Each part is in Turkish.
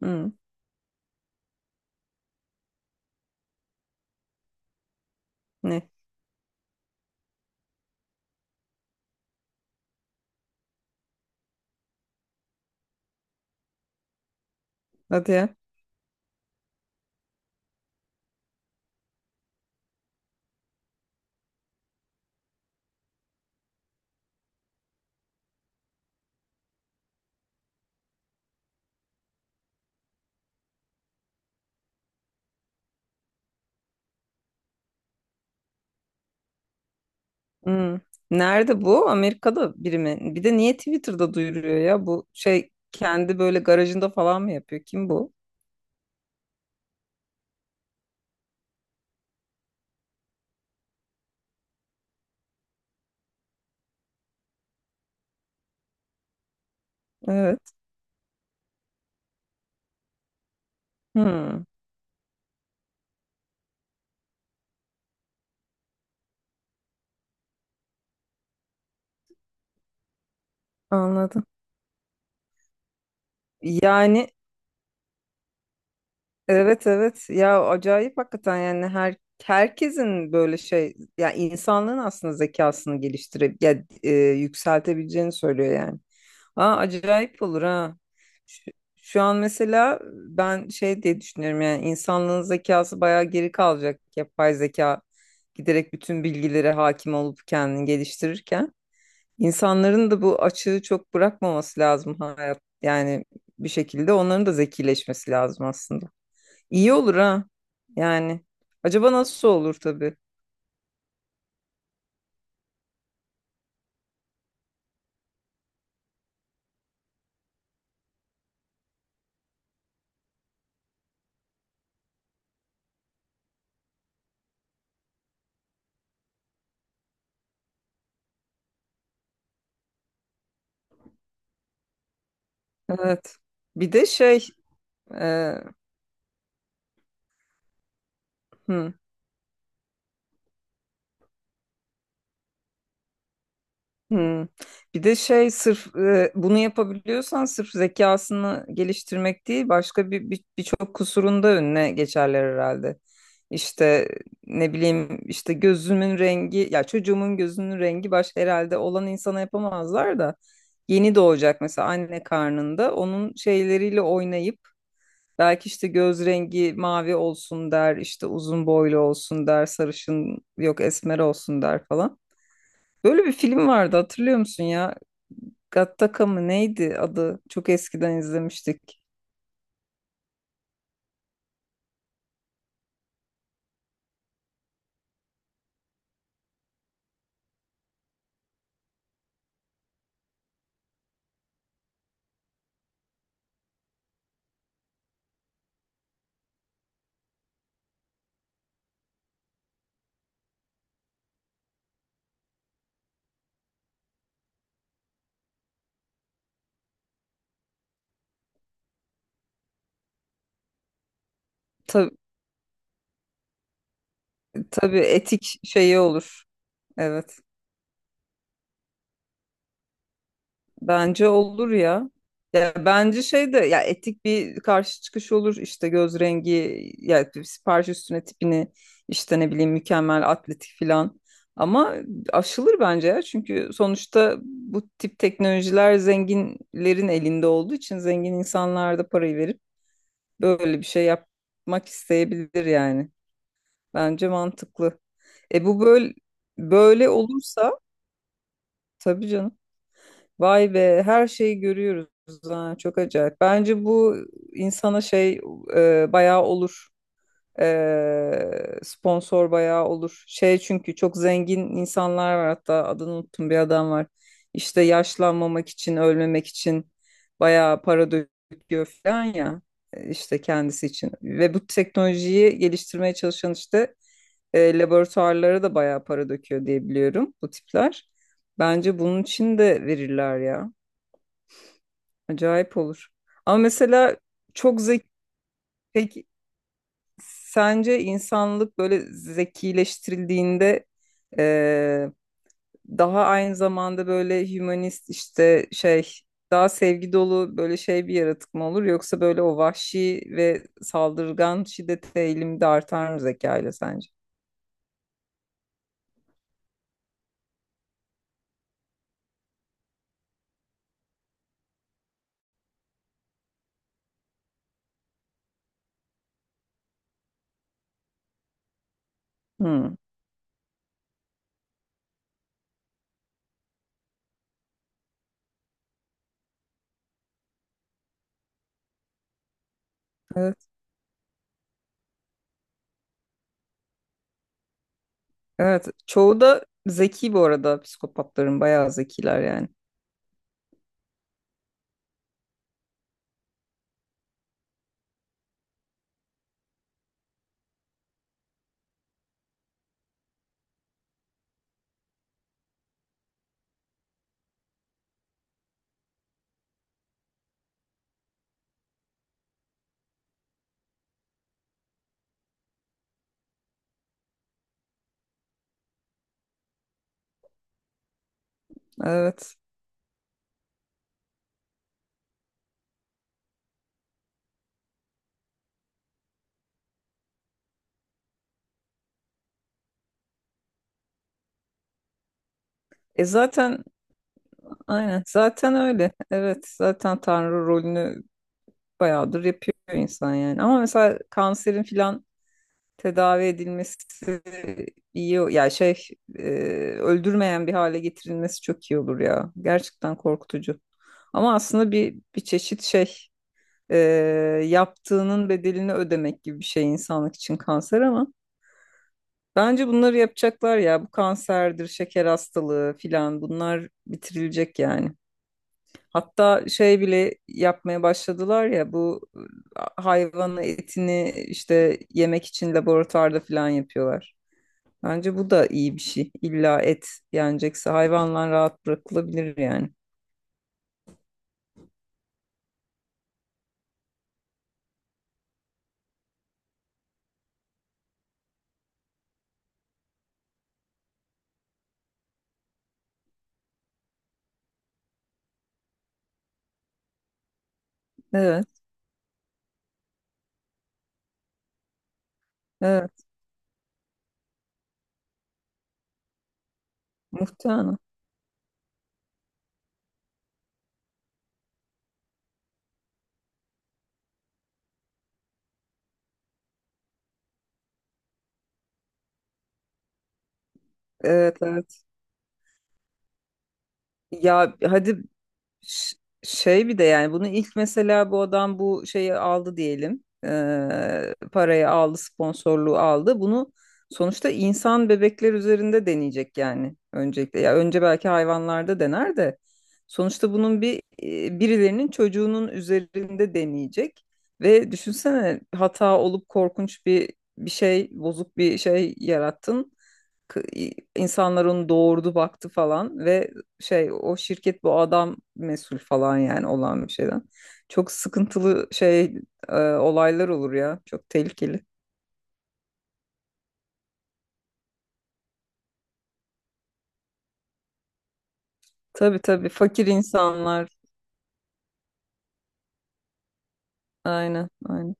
Hmm, ne? Hadi ya. Hmm. Nerede bu? Amerika'da biri mi? Bir de niye Twitter'da duyuruyor ya? Bu şey kendi böyle garajında falan mı yapıyor? Kim bu? Evet. Hmm, anladım. Yani Evet evet ya, acayip hakikaten. Yani her herkesin böyle şey, ya insanlığın aslında zekasını geliştirip ya yükseltebileceğini söylüyor yani. Aa, acayip olur ha. Şu, şu an mesela ben şey diye düşünüyorum. Yani insanlığın zekası bayağı geri kalacak, yapay zeka giderek bütün bilgilere hakim olup kendini geliştirirken insanların da bu açığı çok bırakmaması lazım hayat. Yani bir şekilde onların da zekileşmesi lazım aslında. İyi olur ha. Yani. Acaba nasıl olur tabii. Evet. Bir de şey, e, hı, hı. Bir de şey, sırf bunu yapabiliyorsan, sırf zekasını geliştirmek değil, başka birçok kusurun da önüne geçerler herhalde. İşte ne bileyim, işte gözümün rengi, ya çocuğumun gözünün rengi baş herhalde, olan insana yapamazlar da yeni doğacak, mesela anne karnında onun şeyleriyle oynayıp, belki işte göz rengi mavi olsun der, işte uzun boylu olsun der, sarışın yok esmer olsun der falan. Böyle bir film vardı, hatırlıyor musun ya? Gattaca mı neydi adı? Çok eskiden izlemiştik. Tabii, tabii etik şeyi olur. Evet. Bence olur ya. Ya bence şey de, ya etik bir karşı çıkış olur işte, göz rengi ya sipariş üstüne tipini, işte ne bileyim mükemmel atletik filan. Ama aşılır bence ya, çünkü sonuçta bu tip teknolojiler zenginlerin elinde olduğu için zengin insanlar da parayı verip böyle bir şey yapmak isteyebilir yani. Bence mantıklı. E bu böyle olursa tabii canım. Vay be, her şeyi görüyoruz ha, çok acayip. Bence bu insana şey, bayağı olur. E, sponsor bayağı olur. Şey, çünkü çok zengin insanlar var, hatta adını unuttum, bir adam var. İşte yaşlanmamak için, ölmemek için bayağı para döküyor falan ya, işte kendisi için. Ve bu teknolojiyi geliştirmeye çalışan işte laboratuvarlara da bayağı para döküyor diye biliyorum, bu tipler. Bence bunun için de verirler ya. Acayip olur. Ama mesela çok zeki, peki sence insanlık böyle zekileştirildiğinde daha aynı zamanda böyle hümanist işte şey, daha sevgi dolu böyle şey bir yaratık mı olur, yoksa böyle o vahşi ve saldırgan şiddete eğilimde de artar mı zeka ile sence? Hmm, evet. Evet, çoğu da zeki bu arada. Psikopatların bayağı zekiler yani. Evet. E zaten aynen, zaten öyle. Evet, zaten Tanrı rolünü bayağıdır yapıyor insan yani. Ama mesela kanserin filan tedavi edilmesi iyi. Ya şey, e, öldürmeyen bir hale getirilmesi çok iyi olur ya. Gerçekten korkutucu. Ama aslında bir çeşit şey, e, yaptığının bedelini ödemek gibi bir şey insanlık için kanser. Ama bence bunları yapacaklar ya, bu kanserdir, şeker hastalığı filan, bunlar bitirilecek yani. Hatta şey bile yapmaya başladılar ya, bu hayvan etini işte yemek için laboratuvarda filan yapıyorlar. Bence bu da iyi bir şey. İlla et yenecekse hayvanlar rahat bırakılabilir yani. Evet, evet. Muhtemelen. Evet, evet. Ya hadi Ş- Şey bir de, yani bunu ilk, mesela bu adam bu şeyi aldı diyelim. Parayı aldı, sponsorluğu aldı. Bunu sonuçta insan bebekler üzerinde deneyecek yani, öncelikle. Ya önce belki hayvanlarda dener de sonuçta bunun bir, birilerinin çocuğunun üzerinde deneyecek. Ve düşünsene, hata olup korkunç bir şey, bozuk bir şey yarattın. K- insanlar onu doğurdu, baktı falan, ve şey, o şirket, bu adam mesul falan yani olan bir şeyden. Çok sıkıntılı şey, olaylar olur ya. Çok tehlikeli. Tabii tabii, fakir insanlar. Aynen aynen.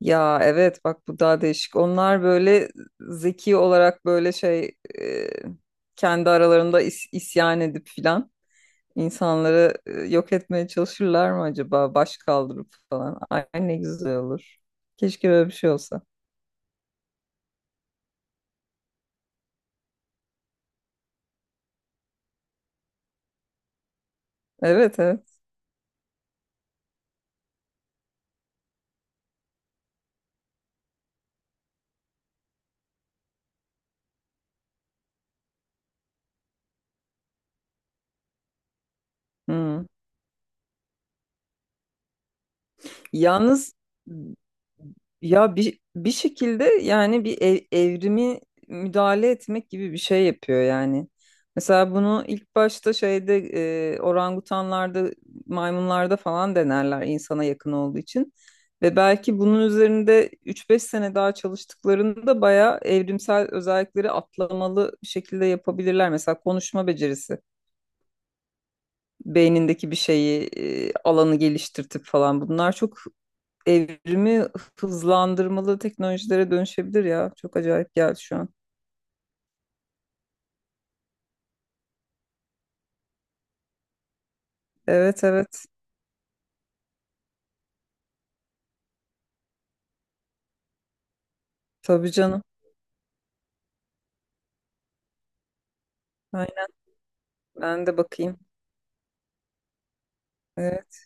Ya evet, bak bu daha değişik. Onlar böyle zeki olarak böyle şey, e, kendi aralarında isyan edip filan. İnsanları yok etmeye çalışırlar mı acaba? Baş kaldırıp falan. Ay ne güzel olur. Keşke böyle bir şey olsa. Evet evet. Hmm. Yalnız ya bir, bir şekilde yani evrimi müdahale etmek gibi bir şey yapıyor yani. Mesela bunu ilk başta şeyde, orangutanlarda, maymunlarda falan denerler insana yakın olduğu için. Ve belki bunun üzerinde üç beş sene daha çalıştıklarında bayağı evrimsel özellikleri atlamalı bir şekilde yapabilirler. Mesela konuşma becerisi, beynindeki bir şeyi, alanı geliştirtip falan, bunlar çok evrimi hızlandırmalı teknolojilere dönüşebilir ya. Çok acayip geldi şu an. Evet evet. Tabii canım. Aynen, ben de bakayım. Evet.